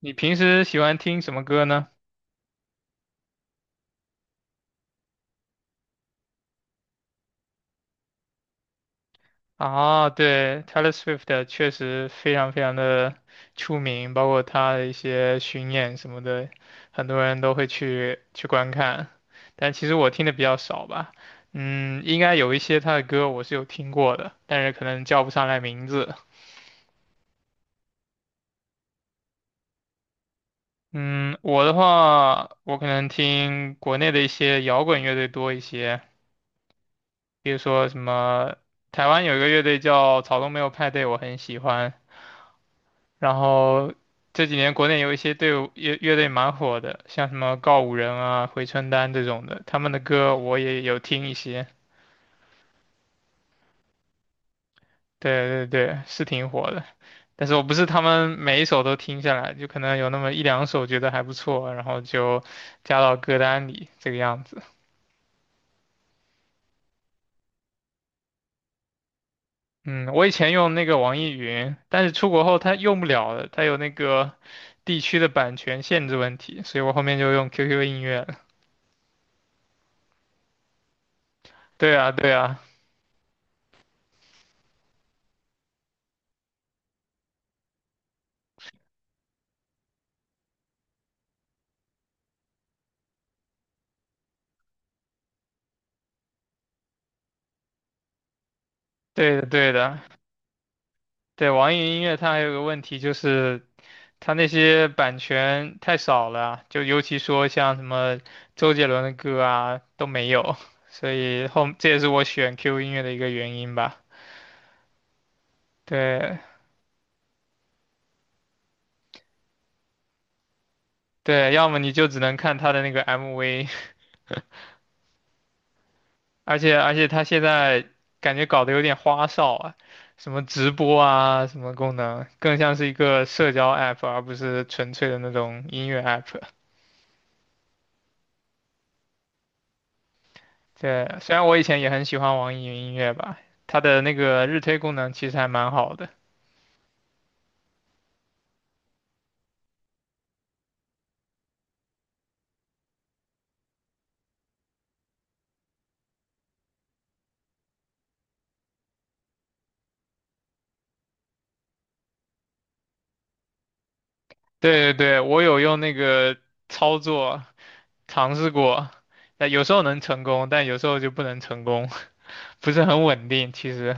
你平时喜欢听什么歌呢？啊，对，Taylor Swift 确实非常的出名，包括她的一些巡演什么的，很多人都会去观看。但其实我听的比较少吧，嗯，应该有一些她的歌我是有听过的，但是可能叫不上来名字。嗯，我的话，我可能听国内的一些摇滚乐队多一些，比如说什么台湾有一个乐队叫草东没有派对，我很喜欢。然后这几年国内有一些队伍乐队蛮火的，像什么告五人啊、回春丹这种的，他们的歌我也有听一些。对对对，是挺火的，但是我不是他们每一首都听下来，就可能有那么一两首觉得还不错，然后就加到歌单里这个样子。嗯，我以前用那个网易云，但是出国后它用不了了，它有那个地区的版权限制问题，所以我后面就用 QQ 音乐了。对啊，对啊，对的，对的。对，网易云音乐它还有个问题就是，它那些版权太少了啊，就尤其说像什么周杰伦的歌啊都没有，所以后这也是我选 QQ 音乐的一个原因吧。对对，要么你就只能看它的那个 MV，而且它现在感觉搞得有点花哨啊，什么直播啊，什么功能，更像是一个社交 app，而不是纯粹的那种音乐 app。对，虽然我以前也很喜欢网易云音乐吧，它的那个日推功能其实还蛮好的。对对对，我有用那个操作尝试过，但有时候能成功，但有时候就不能成功，不是很稳定。其实，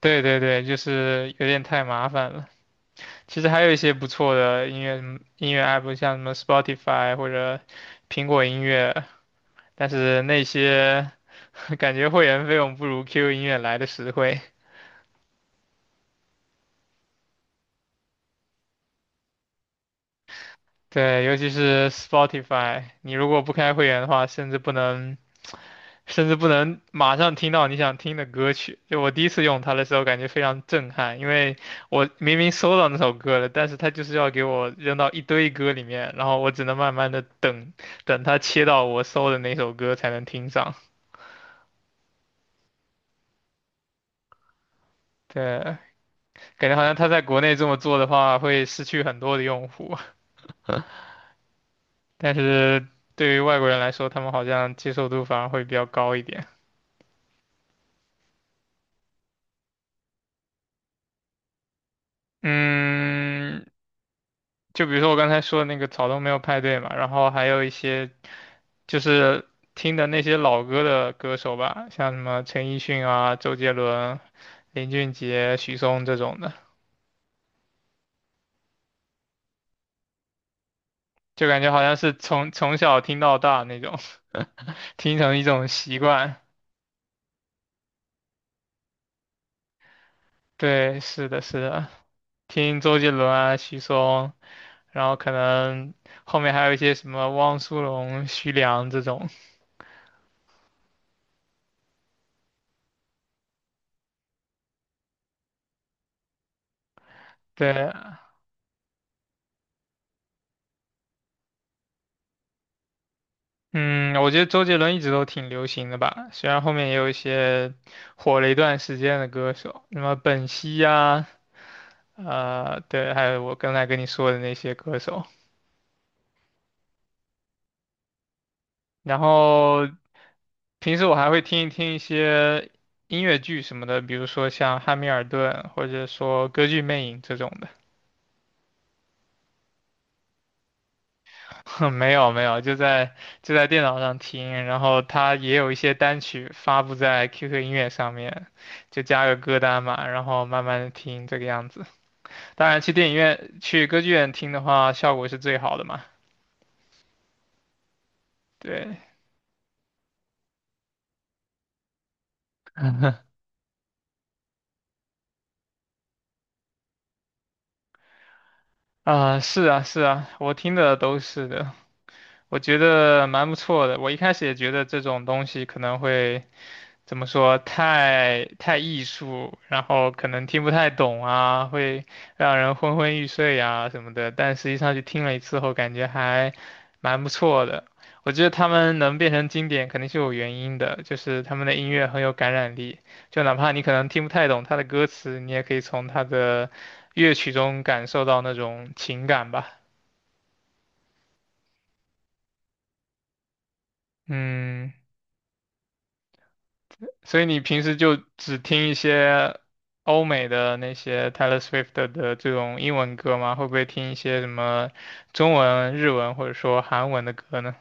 对对对，就是有点太麻烦了。其实还有一些不错的音乐 app，像什么 Spotify 或者苹果音乐，但是那些 感觉会员费用不如 QQ 音乐来的实惠。对，尤其是 Spotify，你如果不开会员的话，甚至不能马上听到你想听的歌曲。就我第一次用它的时候，感觉非常震撼，因为我明明搜到那首歌了，但是它就是要给我扔到一堆歌里面，然后我只能慢慢的等，等它切到我搜的那首歌才能听上。对，感觉好像它在国内这么做的话，会失去很多的用户，但是对于外国人来说，他们好像接受度反而会比较高一点。嗯，就比如说我刚才说的那个草东没有派对嘛，然后还有一些就是听的那些老歌的歌手吧，像什么陈奕迅啊、周杰伦、林俊杰、许嵩这种的，就感觉好像是从小听到大那种，听成一种习惯。对，是的，是的，听周杰伦啊、许嵩，然后可能后面还有一些什么汪苏泷、徐良这种。对，嗯，我觉得周杰伦一直都挺流行的吧，虽然后面也有一些火了一段时间的歌手，什么本兮呀、对，还有我刚才跟你说的那些歌手。然后平时我还会听一些音乐剧什么的，比如说像《汉密尔顿》或者说《歌剧魅影》这种的。没有没有，就在电脑上听，然后它也有一些单曲发布在 QQ 音乐上面，就加个歌单嘛，然后慢慢的听这个样子。当然，去电影院、去歌剧院听的话，效果是最好的嘛。对，啊、是啊，是啊，我听的都是的，我觉得蛮不错的。我一开始也觉得这种东西可能会怎么说，太艺术，然后可能听不太懂啊，会让人昏昏欲睡啊什么的。但实际上去听了一次后，感觉还蛮不错的。我觉得他们能变成经典，肯定是有原因的，就是他们的音乐很有感染力。就哪怕你可能听不太懂他的歌词，你也可以从他的乐曲中感受到那种情感吧。嗯。所以你平时就只听一些欧美的那些 Taylor Swift 的这种英文歌吗？会不会听一些什么中文、日文或者说韩文的歌呢？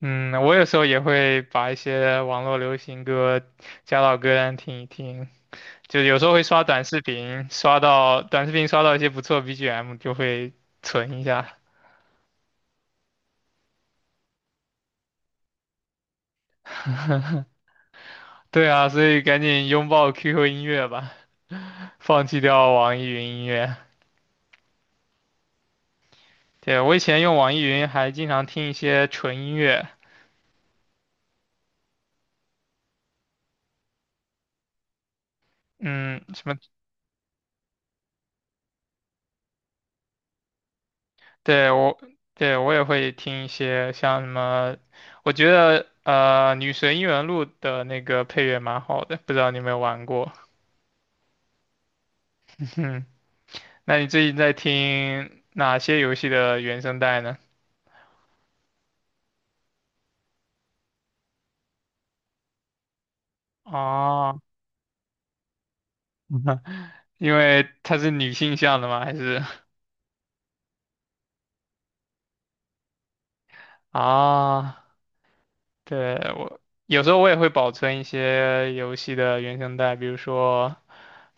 嗯，我有时候也会把一些网络流行歌加到歌单听一听，就有时候会刷短视频，刷到短视频刷到一些不错 BGM 就会存一下。对啊，所以赶紧拥抱 QQ 音乐吧，放弃掉网易云音乐。对，我以前用网易云还经常听一些纯音乐，嗯，什么，对，我，对，我也会听一些像什么，我觉得《女神异闻录》的那个配乐蛮好的，不知道你有没有玩过？嗯，那你最近在听哪些游戏的原声带呢？哦，因为它是女性向的吗？还是啊？对，我有时候我也会保存一些游戏的原声带，比如说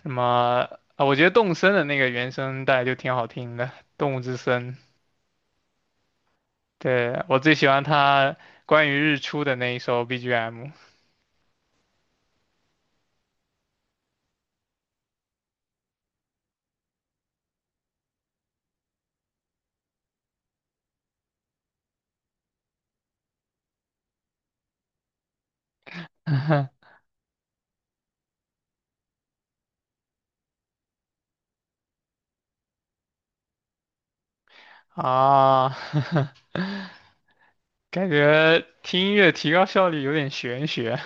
什么啊，我觉得动森的那个原声带就挺好听的，《动物之森》。对，我最喜欢他关于日出的那一首 BGM。啊，感觉听音乐提高效率有点玄学。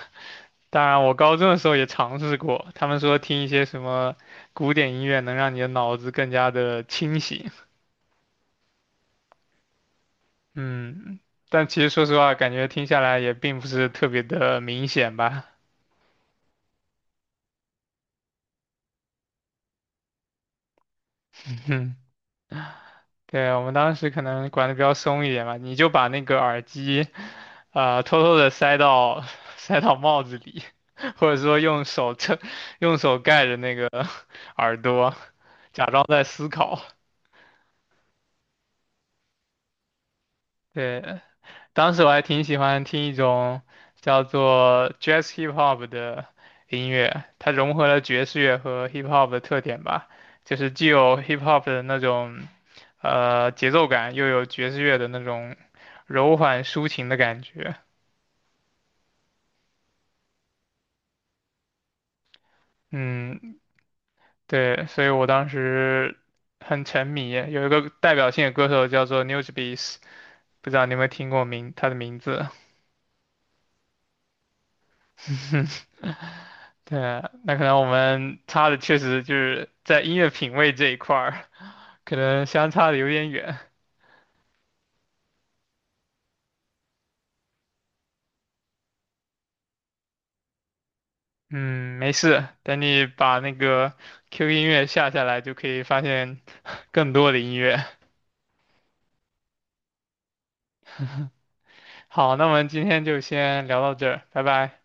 当然，我高中的时候也尝试过，他们说听一些什么古典音乐能让你的脑子更加的清醒。嗯，但其实说实话，感觉听下来也并不是特别的明显吧。嗯，对，我们当时可能管的比较松一点吧，你就把那个耳机，偷偷的塞到 塞到帽子里，或者说用手撑，用手盖着那个 耳朵，假装在思考。对，当时我还挺喜欢听一种叫做 Jazz Hip Hop 的音乐，它融合了爵士乐和 Hip Hop 的特点吧，就是既有 Hip Hop 的那种节奏感，又有爵士乐的那种柔缓抒情的感觉。嗯，对，所以我当时很沉迷。有一个代表性的歌手叫做 Newsbeats,不知道你有没有听过他的名字？对啊，那可能我们差的确实就是在音乐品味这一块儿。可能相差的有点远。嗯，没事，等你把那个 QQ 音乐下下来，就可以发现 更多的音乐。好，那我们今天就先聊到这儿，拜拜。